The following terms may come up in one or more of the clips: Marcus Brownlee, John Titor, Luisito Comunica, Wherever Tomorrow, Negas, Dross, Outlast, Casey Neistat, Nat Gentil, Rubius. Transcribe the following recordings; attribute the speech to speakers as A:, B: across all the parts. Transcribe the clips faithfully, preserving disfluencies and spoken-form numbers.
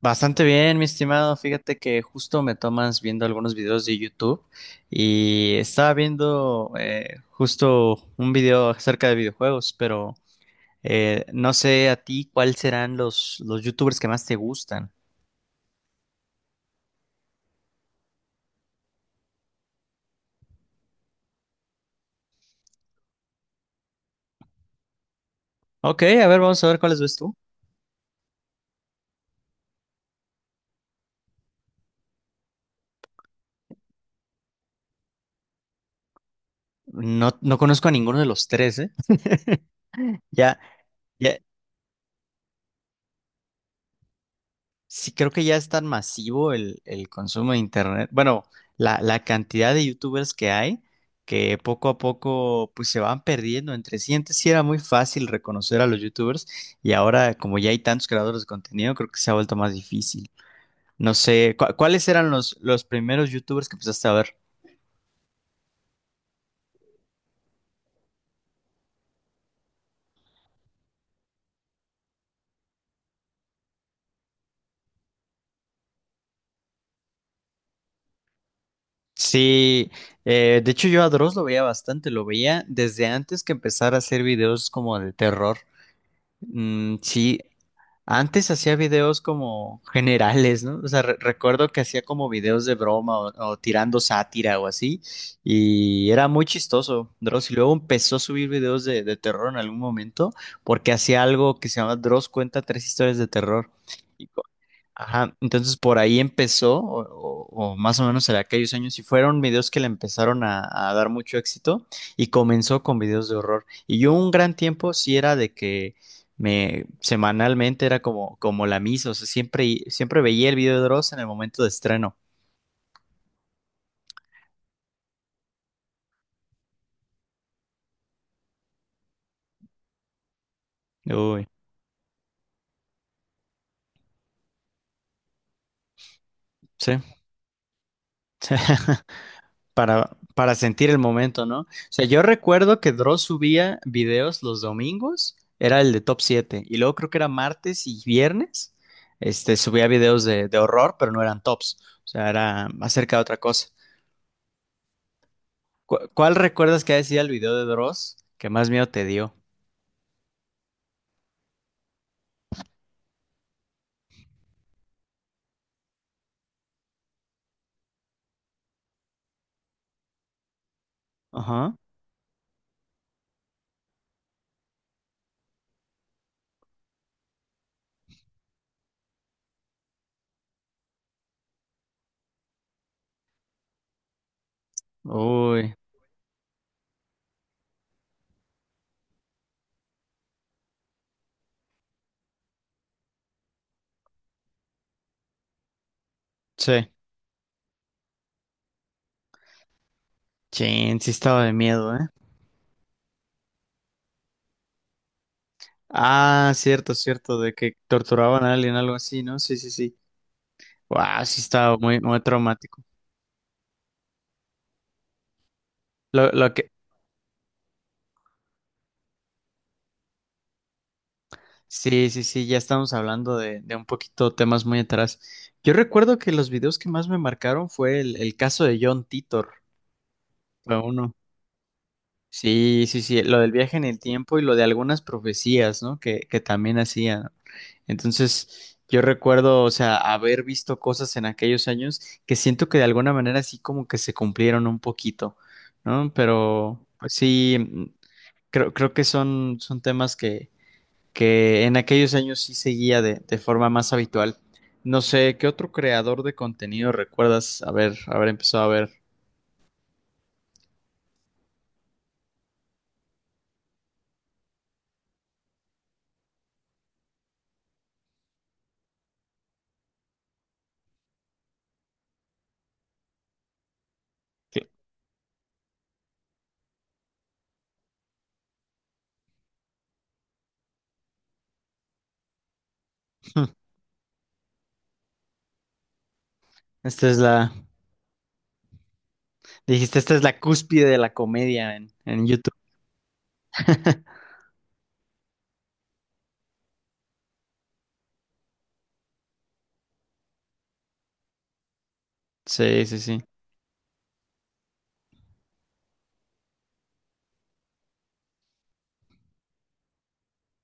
A: Bastante bien, mi estimado. Fíjate que justo me tomas viendo algunos videos de YouTube y estaba viendo eh, justo un video acerca de videojuegos, pero eh, no sé a ti cuáles serán los, los YouTubers que más te gustan. Ok, a ver, vamos a ver cuáles ves tú. No, no conozco a ninguno de los tres, ¿eh? Ya, ya, sí, creo que ya es tan masivo el, el consumo de internet. Bueno, la, la cantidad de youtubers que hay que poco a poco pues se van perdiendo entre sí. Antes sí era muy fácil reconocer a los youtubers y ahora como ya hay tantos creadores de contenido, creo que se ha vuelto más difícil. No sé, ¿cu- ¿cuáles eran los, los primeros youtubers que empezaste a ver? Sí, eh, de hecho yo a Dross lo veía bastante, lo veía desde antes que empezara a hacer videos como de terror. Mm, sí, antes hacía videos como generales, ¿no? O sea, re- recuerdo que hacía como videos de broma o, o tirando sátira o así, y era muy chistoso, Dross. Y luego empezó a subir videos de, de terror en algún momento, porque hacía algo que se llama Dross cuenta tres historias de terror. Ajá, entonces por ahí empezó, o, o- o más o menos en aquellos años, y fueron videos que le empezaron a, a dar mucho éxito y comenzó con videos de horror. Y yo un gran tiempo sí era de que me semanalmente era como, como la misa, o sea, siempre, siempre veía el video de Dross en el momento de estreno. Uy, sí. para, para sentir el momento, ¿no? O sea, yo recuerdo que Dross subía videos los domingos, era el de top siete y luego creo que era martes y viernes, este, subía videos de, de horror, pero no eran tops, o sea, era acerca de otra cosa. ¿Cu- ¿Cuál recuerdas que decía el video de Dross que más miedo te dio? Ajá. Uy, sí. Chin, sí estaba de miedo, ¿eh? Ah, cierto, cierto, de que torturaban a alguien, algo así, ¿no? Sí, sí, sí. Wow, sí estaba muy, muy traumático. Lo, lo que, Sí, sí, sí, ya estamos hablando de, de un poquito temas muy atrás. Yo recuerdo que los videos que más me marcaron fue el, el caso de John Titor, fue uno. Sí, sí, sí, lo del viaje en el tiempo y lo de algunas profecías, ¿no? Que, que también hacían. Entonces, yo recuerdo, o sea, haber visto cosas en aquellos años que siento que de alguna manera sí como que se cumplieron un poquito, ¿no? Pero, pues sí, creo, creo que son, son temas que, que en aquellos años sí seguía de, de forma más habitual. No sé, ¿qué otro creador de contenido recuerdas haber, haber empezado a ver? Cl- Esta es la, dijiste, esta es la cúspide de la comedia en, en YouTube. Sí, sí, sí.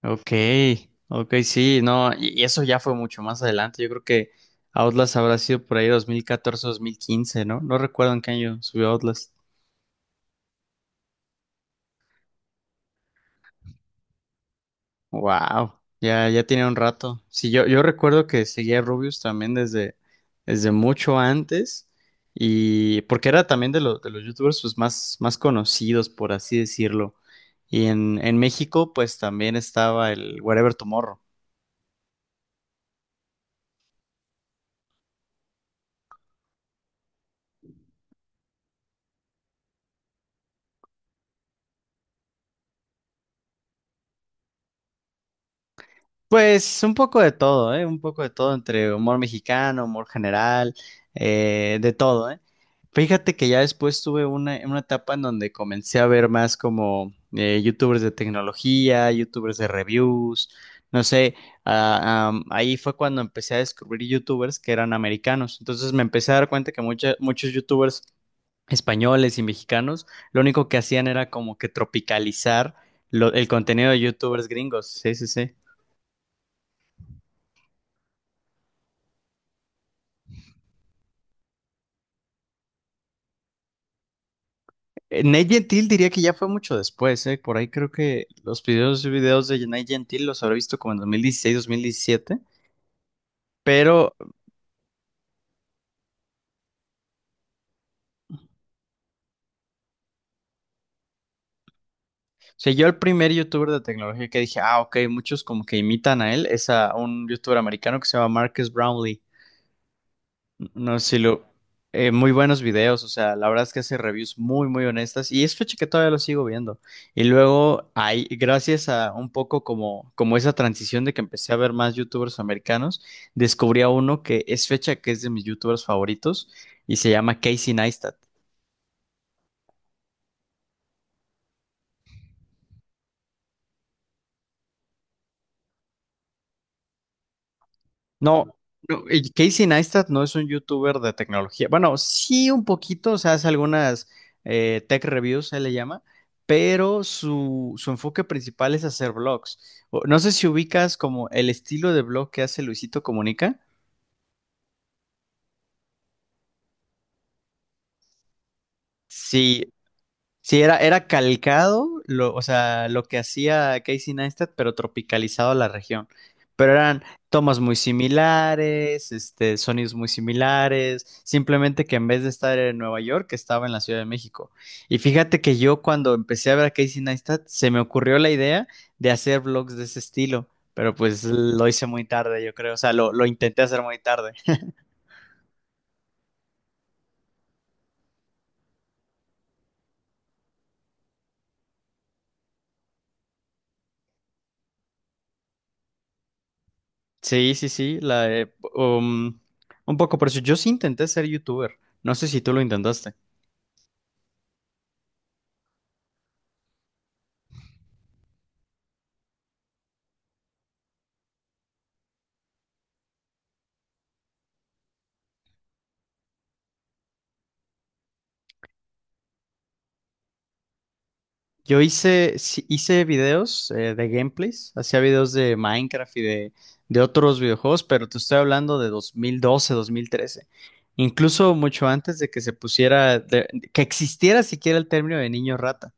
A: Ok, ok, sí, no, y, y eso ya fue mucho más adelante. Yo creo que Outlast habrá sido por ahí dos mil catorce, dos mil quince, ¿no? No recuerdo en qué año subió Outlast. Wow, ya, ya tiene un rato. Sí, yo, yo recuerdo que seguía a Rubius también desde, desde mucho antes, y porque era también de los, de los youtubers pues, más, más conocidos, por así decirlo. Y en, en México, pues también estaba el Wherever Tomorrow. Pues un poco de todo, ¿eh? Un poco de todo entre humor mexicano, humor general, eh, de todo, ¿eh? Fíjate que ya después tuve una, una etapa en donde comencé a ver más como eh, youtubers de tecnología, youtubers de reviews, no sé, ah, am, ahí fue cuando empecé a descubrir youtubers que eran americanos. Entonces me empecé a dar cuenta que mucha- muchos youtubers españoles y mexicanos lo único que hacían era como que tropicalizar lo- el contenido de youtubers gringos. Sí, sí, sí. Eh, Nat Gentil diría que ya fue mucho después, ¿eh? Por ahí creo que los videos, videos de Nat Gentil los habré visto como en dos mil dieciséis, dos mil diecisiete. Pero, o sea, yo el primer youtuber de tecnología que dije, ah, ok, muchos como que imitan a él, es a un youtuber americano que se llama Marcus Brownlee. No, sí, lo, eh, muy buenos videos, o sea, la verdad es que hace reviews muy, muy honestas y es fecha que todavía lo sigo viendo. Y luego, hay, gracias a un poco como, como esa transición de que empecé a ver más youtubers americanos, descubrí a uno que es fecha que es de mis youtubers favoritos y se llama Casey Neistat. No, no, y Casey Neistat no es un youtuber de tecnología. Bueno, sí un poquito, o sea, hace algunas eh, tech reviews, se le llama, pero su, su enfoque principal es hacer vlogs. O- No sé si ubicas como el estilo de vlog que hace Luisito Comunica. Sí, sí, era, era calcado, lo, o sea, lo que hacía Casey Neistat, pero tropicalizado a la región. Pero eran tomas muy similares, este, sonidos muy similares, simplemente que en vez de estar en Nueva York, estaba en la Ciudad de México. Y fíjate que yo cuando empecé a ver a Casey Neistat, se me ocurrió la idea de hacer vlogs de ese estilo, pero pues lo hice muy tarde, yo creo, o sea, lo, lo intenté hacer muy tarde. Sí, sí, sí, la de, um, un poco por eso. Yo sí intenté ser youtuber. No sé si tú lo intentaste. Yo hice, sí, hice videos eh, de gameplays, hacía videos de Minecraft y de, de otros videojuegos, pero te estoy hablando de dos dos mil doce, dos mil trece, incluso mucho antes de que se pusiera, de- que existiera siquiera el término de niño rata.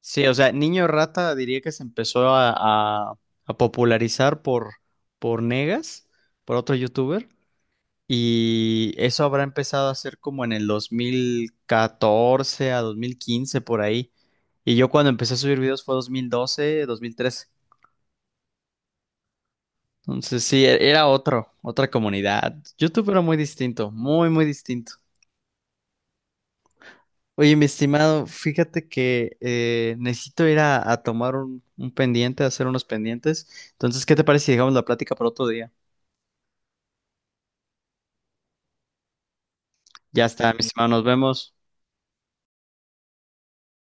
A: Sí, o sea, niño rata diría que se empezó a, a- a popularizar por, por Negas, por otro youtuber. Y eso habrá empezado a hacer como en el dos mil catorce a dos mil quince por ahí. Y yo cuando empecé a subir videos fue dos dos mil doce dos mil dos mil trece. Entonces sí, e- era otro, otra comunidad. YouTube era muy distinto, muy, muy distinto. Oye, mi estimado, fíjate que eh, necesito ir a, a tomar un, un pendiente, a hacer unos pendientes. Entonces, ¿qué te parece si dejamos la plática para otro día? Ya está, mi estimado, nos vemos.